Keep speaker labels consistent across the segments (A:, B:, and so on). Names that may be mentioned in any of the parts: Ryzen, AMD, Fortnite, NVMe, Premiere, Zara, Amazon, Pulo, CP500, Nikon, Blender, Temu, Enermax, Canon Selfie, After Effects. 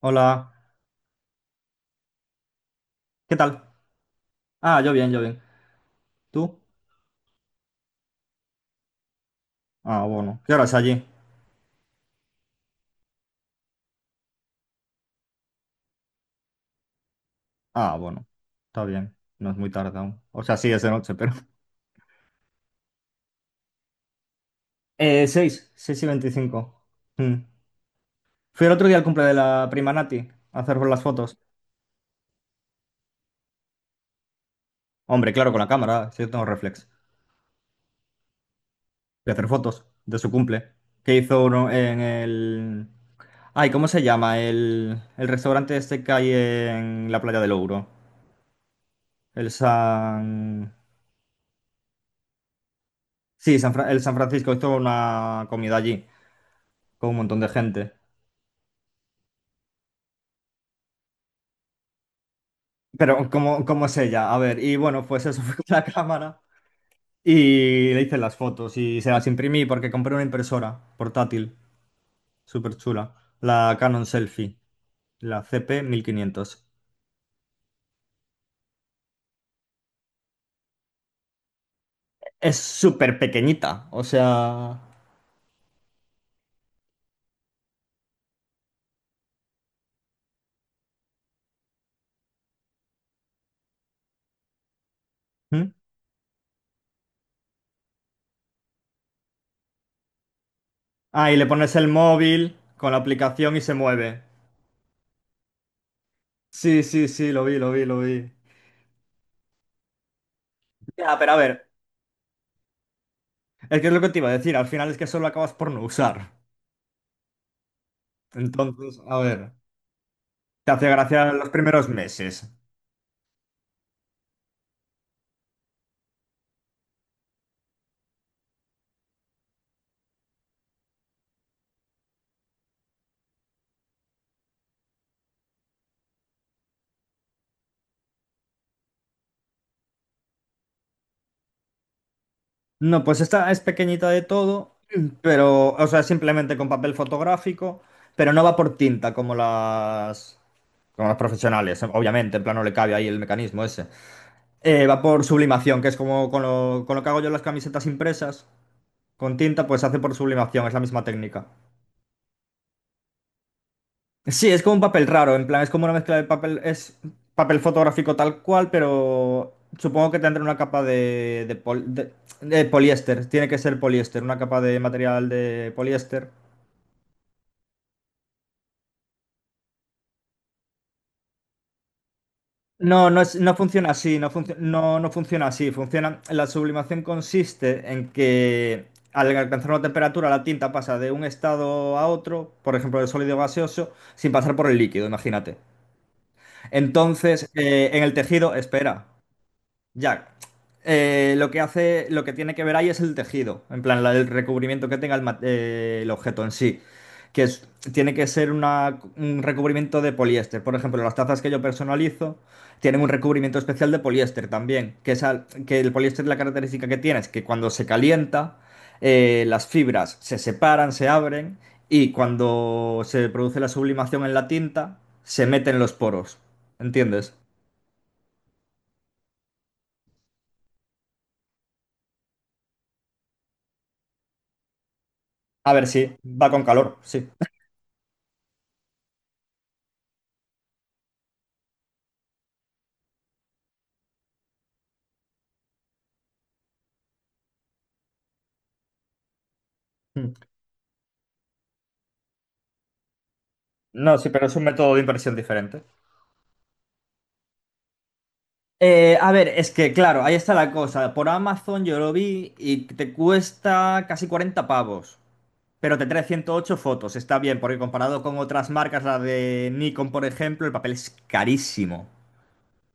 A: Hola, ¿qué tal? Ah, yo bien, yo bien. ¿Tú? Ah, bueno. ¿Qué hora es allí? Ah, bueno. Está bien. No es muy tarde aún. O sea, sí, es de noche, pero. Seis y 25. Mm. Fui el otro día al cumple de la prima Nati a hacer las fotos. Hombre, claro, con la cámara, si yo tengo reflex. Voy a hacer fotos de su cumple. Que hizo uno en el. Ay, ¿cómo se llama? El restaurante este que hay en la playa del Ouro. El San. Sí, el San Francisco hizo una comida allí con un montón de gente. Pero ¿cómo es ella? A ver, y bueno, pues eso fue la cámara y le hice las fotos y se las imprimí porque compré una impresora portátil, súper chula, la Canon Selfie, la CP500. Es súper pequeñita, o sea. ¿Mm? Ah, y le pones el móvil con la aplicación y se mueve. Sí, sí, sí, lo vi, lo vi, lo vi. Ya, pero a ver, es que es lo que te iba a decir, al final es que eso lo acabas por no usar. Entonces, a ver, te hace gracia los primeros meses. No, pues esta es pequeñita de todo, pero, o sea, simplemente con papel fotográfico, pero no va por tinta como las, profesionales, obviamente, en plan no le cabe ahí el mecanismo ese. Va por sublimación, que es como con lo que hago yo las camisetas impresas, con tinta, pues se hace por sublimación, es la misma técnica. Sí, es como un papel raro, en plan, es como una mezcla de papel, es papel fotográfico tal cual, pero supongo que tendrá una capa de poliéster, tiene que ser poliéster, una capa de material de poliéster. No, no es, no funciona así, no, no, no funciona así, funciona, la sublimación consiste en que al alcanzar una temperatura la tinta pasa de un estado a otro, por ejemplo, de sólido a gaseoso, sin pasar por el líquido, imagínate. Entonces, en el tejido, espera. Ya. Lo que hace, lo que tiene que ver ahí es el tejido, en plan, el recubrimiento que tenga el objeto en sí, que es- tiene que ser un recubrimiento de poliéster. Por ejemplo, las tazas que yo personalizo tienen un recubrimiento especial de poliéster también, que el poliéster la característica que tiene es que cuando se calienta, las fibras se separan, se abren y cuando se produce la sublimación en la tinta, se meten los poros. ¿Entiendes? A ver si va con calor, sí. No, sí, pero es un método de impresión diferente. A ver, es que claro, ahí está la cosa. Por Amazon yo lo vi y te cuesta casi 40 pavos, pero te trae 108 fotos. Está bien, porque comparado con otras marcas, la de Nikon, por ejemplo, el papel es carísimo.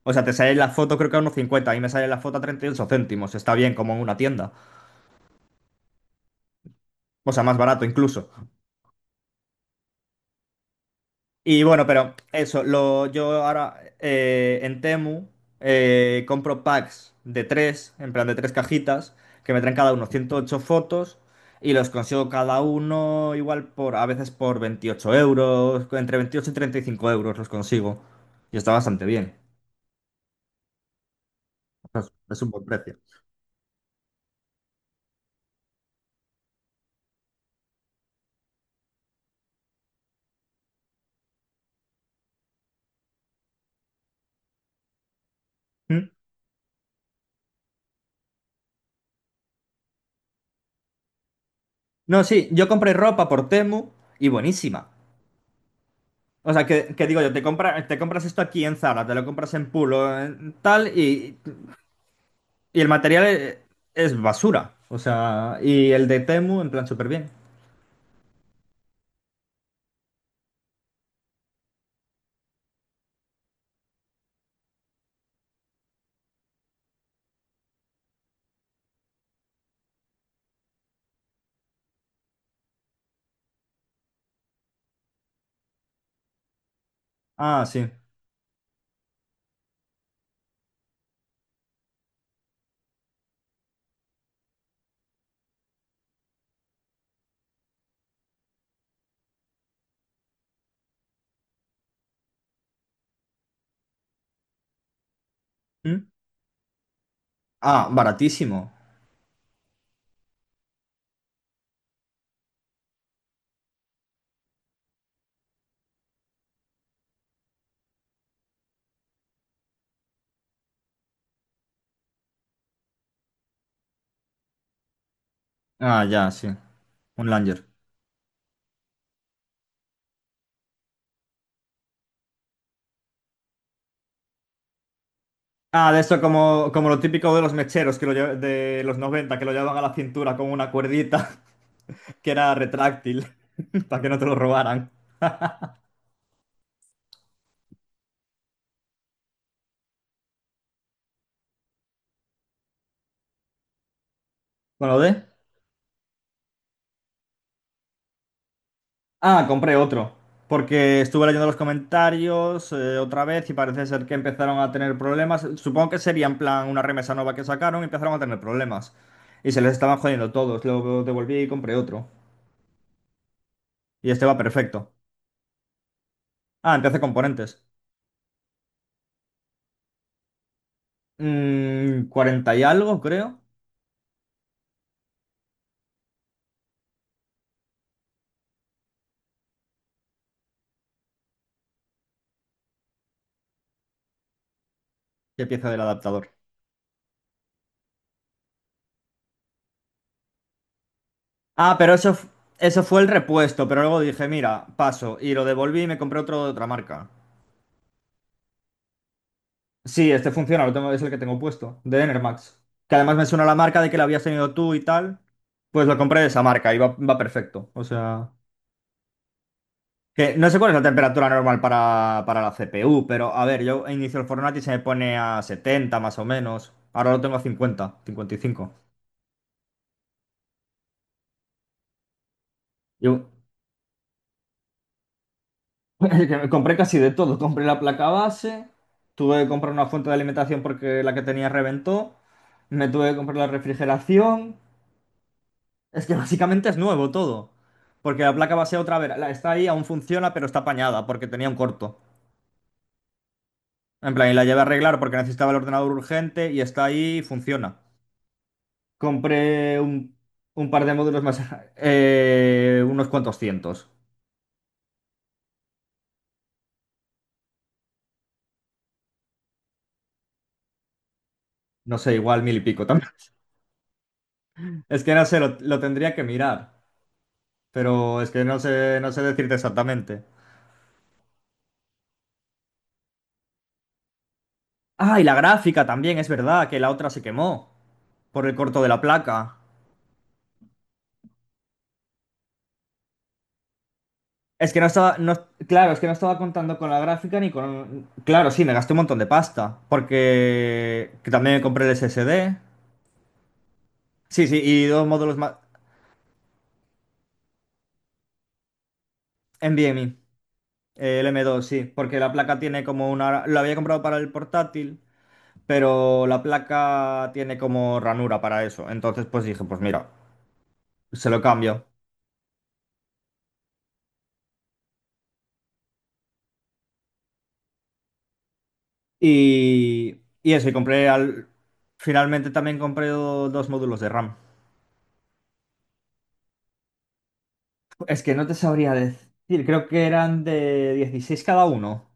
A: O sea, te sale la foto creo que a unos 50, a mí me sale la foto a 38 céntimos. Está bien, como en una tienda. O sea, más barato incluso. Y bueno, pero eso, lo, yo ahora en Temu compro packs de tres, en plan de tres cajitas, que me traen cada uno 108 fotos y los consigo cada uno igual por, a veces por 28 euros, entre 28 y 35 euros los consigo. Y está bastante bien. Es un buen precio. ¿Mm? No, sí, yo compré ropa por Temu y buenísima. O sea, que digo yo, te compras esto aquí en Zara, te lo compras en Pulo, en tal. Y el material es basura. O sea, y el de Temu, en plan, súper bien. Ah, sí. ¿Mm? Ah, baratísimo. Ah, ya, sí. Un Langer. Ah, de eso como lo típico de los mecheros que de los 90 que lo llevaban a la cintura con una cuerdita que era retráctil, para que no te lo robaran. Bueno, ¿de? Ah, compré otro. Porque estuve leyendo los comentarios otra vez y parece ser que empezaron a tener problemas. Supongo que sería en plan una remesa nueva que sacaron y empezaron a tener problemas. Y se les estaban jodiendo todos. Lo devolví y compré otro. Y este va perfecto. Ah, empecé componentes. 40 y algo, creo. Y pieza del adaptador. Ah, pero eso, eso fue el repuesto. Pero luego dije, mira, paso. Y lo devolví y me compré otro de otra marca. Sí, este funciona, lo tengo, es el que tengo puesto, de Enermax. Que además me suena la marca de que la habías tenido tú y tal. Pues lo compré de esa marca y va perfecto. O sea, que no sé cuál es la temperatura normal para la CPU, pero a ver, yo inicio el Fortnite y se me pone a 70 más o menos. Ahora lo tengo a 50, 55. Yo que me compré casi de todo. Compré la placa base, tuve que comprar una fuente de alimentación porque la que tenía reventó, me tuve que comprar la refrigeración. Es que básicamente es nuevo todo. Porque la placa base otra vez, está ahí, aún funciona, pero está apañada porque tenía un corto. En plan, y la llevé a arreglar porque necesitaba el ordenador urgente y está ahí y funciona. Compré un par de módulos más, unos cuantos cientos. No sé, igual mil y pico también. Es que no sé, lo tendría que mirar. Pero es que no sé, no sé decirte exactamente. Ah, y la gráfica también, es verdad, que la otra se quemó por el corto de la placa. Es que no estaba, no, claro, es que no estaba contando con la gráfica ni con. Claro, sí, me gasté un montón de pasta, porque que también me compré el SSD. Sí, sí, y dos módulos más. NVMe, el M.2, sí, porque la placa tiene como una. Lo había comprado para el portátil, pero la placa tiene como ranura para eso. Entonces, pues dije, pues mira, se lo cambio. Y eso, y compré al. Finalmente también compré dos módulos de RAM. Es que no te sabría decir, creo que eran de 16 cada uno.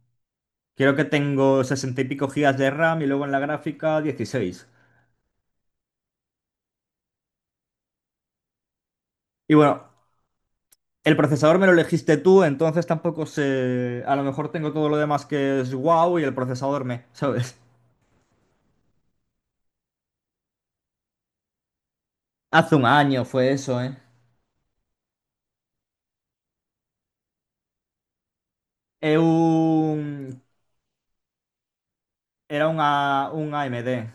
A: Creo que tengo 60 y pico gigas de RAM y luego en la gráfica 16. Y bueno, el procesador me lo elegiste tú, entonces tampoco sé. A lo mejor tengo todo lo demás que es wow y el procesador me, ¿sabes? Hace un año fue eso, ¿eh? Eh, un- Era un AMD.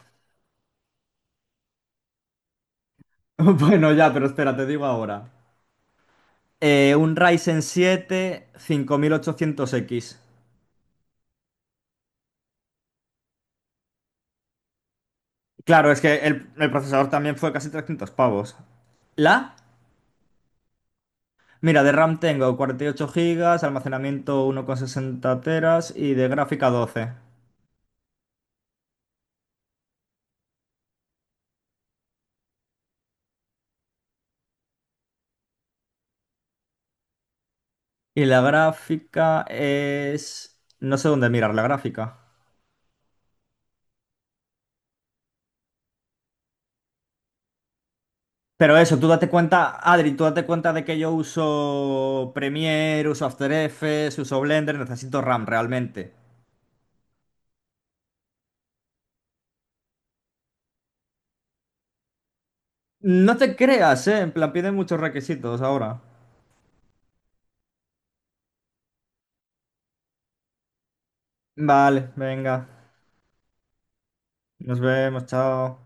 A: Bueno, ya, pero espera, te digo ahora. Un Ryzen 7 5800X. Claro, es que el procesador también fue casi 300 pavos. ¿La? Mira, de RAM tengo 48 GB, almacenamiento 1,60 teras y de gráfica 12. Y la gráfica es. No sé dónde mirar la gráfica. Pero eso, tú date cuenta, Adri, tú date cuenta de que yo uso Premiere, uso After Effects, uso Blender, necesito RAM realmente. No te creas, en plan, piden muchos requisitos ahora. Vale, venga. Nos vemos, chao.